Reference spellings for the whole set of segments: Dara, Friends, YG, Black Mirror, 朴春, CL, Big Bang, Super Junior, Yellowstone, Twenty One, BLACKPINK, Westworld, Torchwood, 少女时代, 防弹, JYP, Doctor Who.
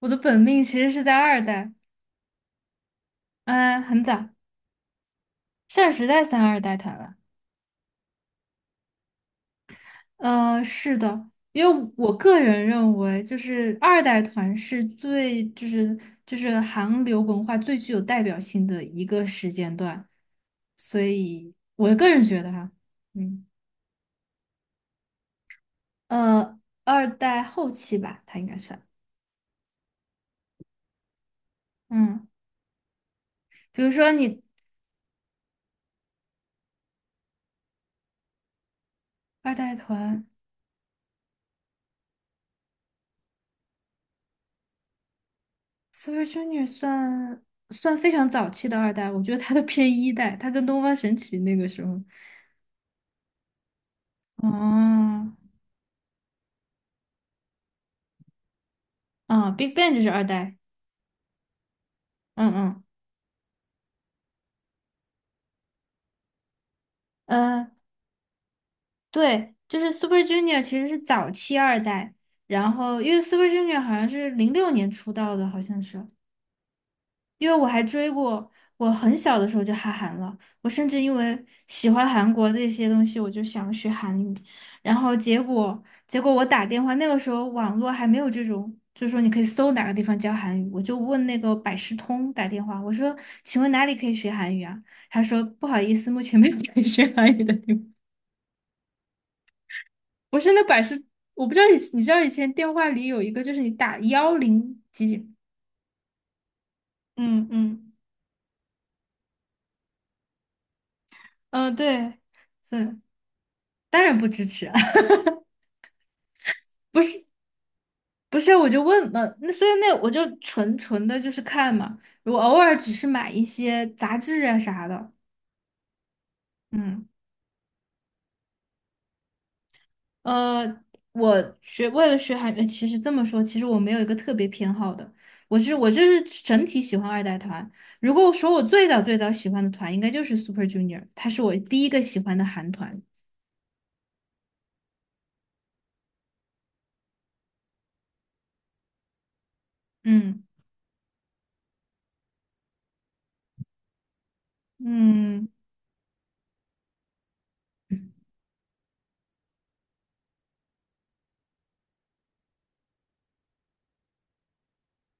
我的本命其实是在二代，嗯、很早。现在时代三二代团了。是的，因为我个人认为，就是二代团是最就是就是韩流文化最具有代表性的一个时间段，所以我个人觉得哈。嗯，二代后期吧，它应该算。嗯，比如说你二代团。Super Junior 算非常早期的二代，我觉得它都偏一代，它跟东方神起那个时候。哦。啊，Big Bang 就是二代。嗯嗯。呃，对，就是 Super Junior 其实是早期二代。然后因为 Super Junior 好像是06年出道的，好像是。因为我还追过。我很小的时候就哈韩了。我甚至因为喜欢韩国这些东西，我就想学韩语。然后结果我打电话。那个时候网络还没有这种，就是说你可以搜哪个地方教韩语。我就问那个百事通打电话，我说请问哪里可以学韩语啊？他说不好意思，目前没有可以 学韩语的地方。不是那百事。我不知道你知道以前电话里有一个就是你打幺零几几。嗯嗯嗯，对，是当然不支持啊。不是，我就问嘛。那所以那我就纯纯的就是看嘛。我偶尔只是买一些杂志啊啥的。嗯，呃，为了学韩语，其实这么说，其实我没有一个特别偏好的，我就是整体喜欢二代团。如果说我最早最早喜欢的团，应该就是 Super Junior,他是我第一个喜欢的韩团。嗯嗯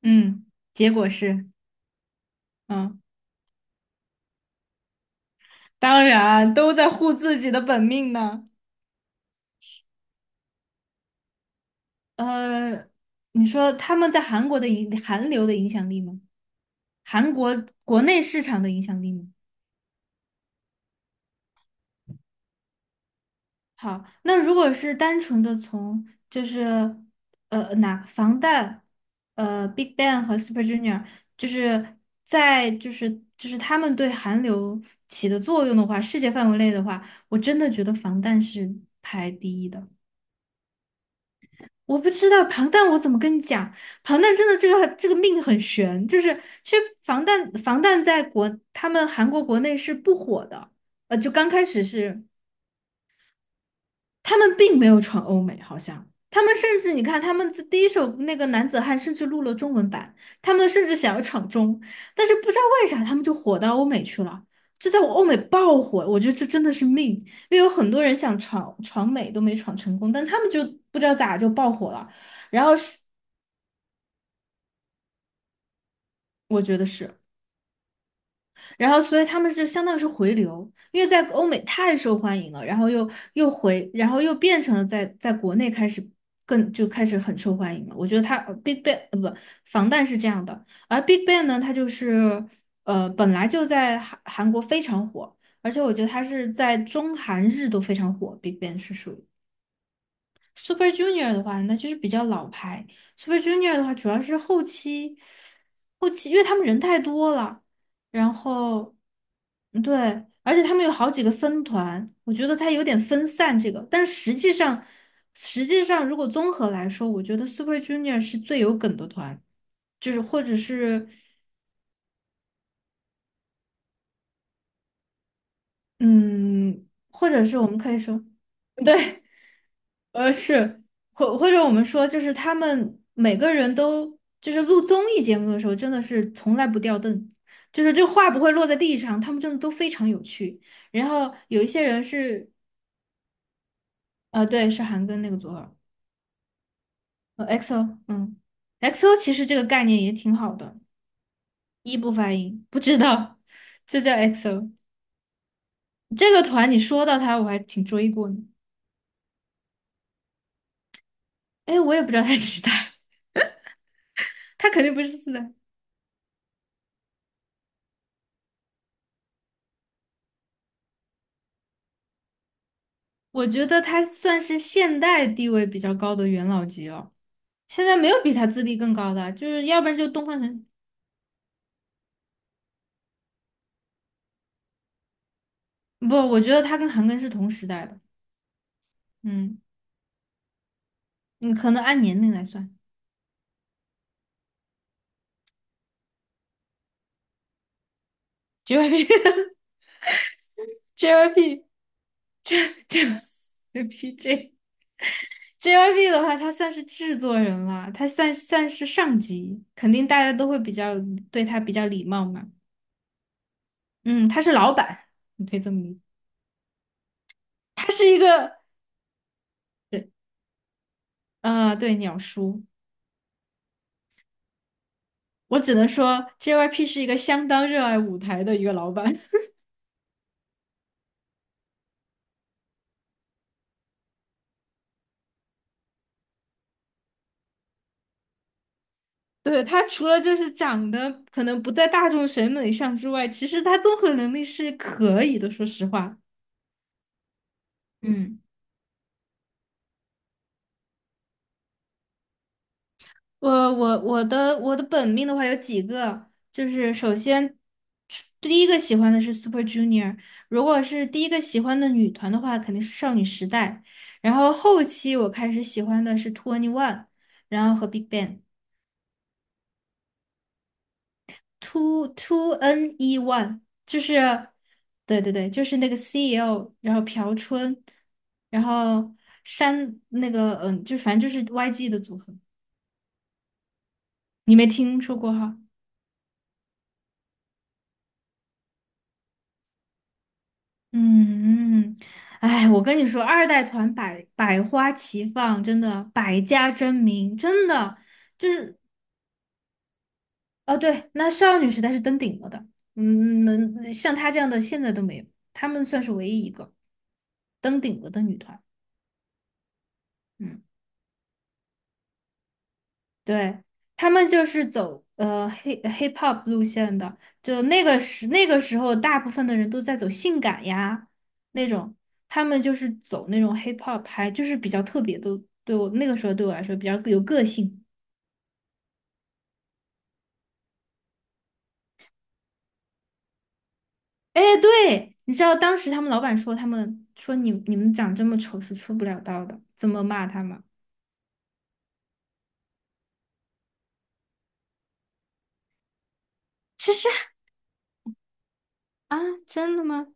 嗯，结果是。嗯，当然都在护自己的本命呢。呃，你说他们在韩国的韩流的影响力吗？韩国国内市场的影响力吗？好，那如果是单纯的从就是呃哪防弹呃 Big Bang 和 Super Junior,就是在他们对韩流起的作用的话，世界范围内的话，我真的觉得防弹是排第一的。我不知道庞弹，我怎么跟你讲？庞弹真的这个命很悬。就是其实防弹他们韩国国内是不火的。就刚开始是，他们并没有闯欧美。好像他们甚至你看他们自第一首那个男子汉甚至录了中文版，他们甚至想要闯中。但是不知道为啥他们就火到欧美去了，就在我欧美爆火，我觉得这真的是命。因为有很多人想闯美都没闯成功，但他们就不知道咋就爆火了。然后我觉得是，然后所以他们是相当于是回流，因为在欧美太受欢迎了。然后又回，然后又变成了在国内开始就开始很受欢迎了。我觉得Big Bang, 不，防弹是这样的。而 Big Bang 呢，它就是本来就在韩国非常火。而且我觉得它是在中韩日都非常火。Big Bang 是属于。Super Junior 的话，那就是比较老牌。Super Junior 的话，主要是后期，后期因为他们人太多了。然后，嗯对，而且他们有好几个分团，我觉得它有点分散这个。但实际上如果综合来说，我觉得 Super Junior 是最有梗的团。就是或者是，嗯，或者是我们可以说。对。是，或者我们说，就是他们每个人都，就是录综艺节目的时候，真的是从来不掉凳，就是这话不会落在地上，他们真的都非常有趣。然后有一些人是。对，是韩庚那个组合。X o。 嗯 x o 其实这个概念也挺好的。一不发音，不知道。就叫 x o。 这个团你说到他，我还挺追过呢。哎，我也不知道他几代。他肯定不是四代。我觉得他算是现代地位比较高的元老级了。现在没有比他资历更高的啊。就是要不然就东方神。不，我觉得他跟韩庚是同时代的。嗯，你可能按年龄来算。JYP。 JYP JYPJ JYP 的话，他算是制作人了，他算是上级，肯定大家都会比较对他比较礼貌嘛。嗯，他是老板。你可以这么理解。他是一个。对。啊、对，鸟叔。我只能说，JYP 是一个相当热爱舞台的一个老板。对，他除了就是长得可能不在大众审美上之外，其实他综合能力是可以的。说实话。嗯，我的本命的话有几个。就是首先第一个喜欢的是 Super Junior。如果是第一个喜欢的女团的话，肯定是少女时代。然后后期我开始喜欢的是 Twenty One,然后和 Big Bang。two n e one。就是对对对，就是那个 CL,然后朴春，然后山那个，就反正就是 YG 的组合。你没听说过哈？嗯。哎，我跟你说，二代团百花齐放，真的百家争鸣。真的就是。哦，对，那少女时代是登顶了的。嗯，能像她这样的现在都没有，她们算是唯一一个登顶了的女团。嗯。对，他们就是走hip hop 路线的。就那个时那个时候，大部分的人都在走性感呀那种。他们就是走那种 hip hop 拍，就是比较特别的。对我那个时候对我来说比较有个性。哎，对，你知道当时他们老板说他们说你们长这么丑是出不了道的，怎么骂他们？其实啊，真的吗？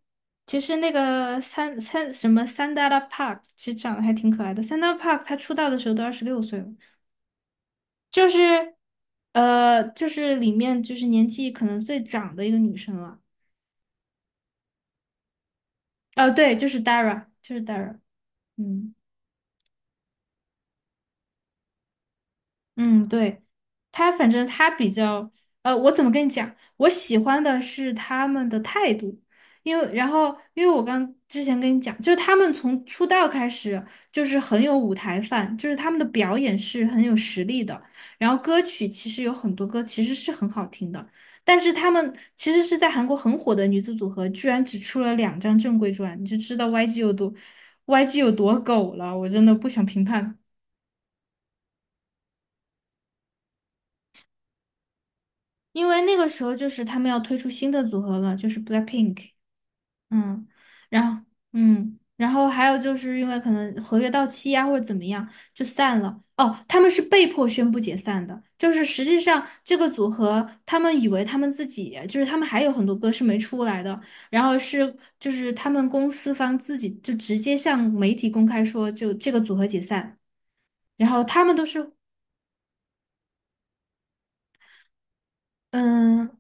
其实那个三三什么三 a n d a Park,其实长得还挺可爱的。三 a n d a Park 他出道的时候都26岁了。就是，就是里面就是年纪可能最长的一个女生了。哦，对，就是 Dara,就是 Dara。嗯。嗯，对，反正他比较。我怎么跟你讲？我喜欢的是他们的态度。然后因为我刚之前跟你讲，就是他们从出道开始就是很有舞台范，就是他们的表演是很有实力的。然后歌曲其实有很多歌其实是很好听的。但是他们其实是在韩国很火的女子组合，居然只出了2张正规专，你就知道 YG 有多狗了。我真的不想评判。因为那个时候就是他们要推出新的组合了，就是 BLACKPINK。嗯，然后然后还有就是因为可能合约到期呀、或者怎么样就散了。哦，他们是被迫宣布解散的。就是实际上这个组合，他们以为他们自己就是他们还有很多歌是没出来的。然后他们公司方自己就直接向媒体公开说就这个组合解散。然后他们都是。嗯，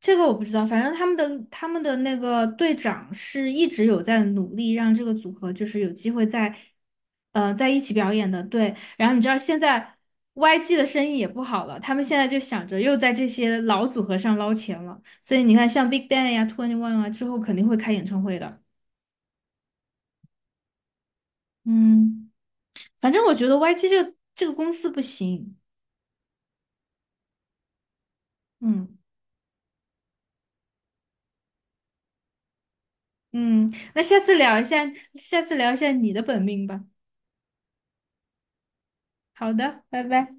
这个我不知道。反正他们的那个队长是一直有在努力让这个组合就是有机会在，在一起表演的。对。然后你知道现在 YG 的生意也不好了，他们现在就想着又在这些老组合上捞钱了。所以你看，像 Big Bang 呀、Twenty One 啊，之后肯定会开演唱会的。嗯，反正我觉得 YG 这个公司不行。嗯嗯。那下次聊一下你的本命吧。好的，拜拜。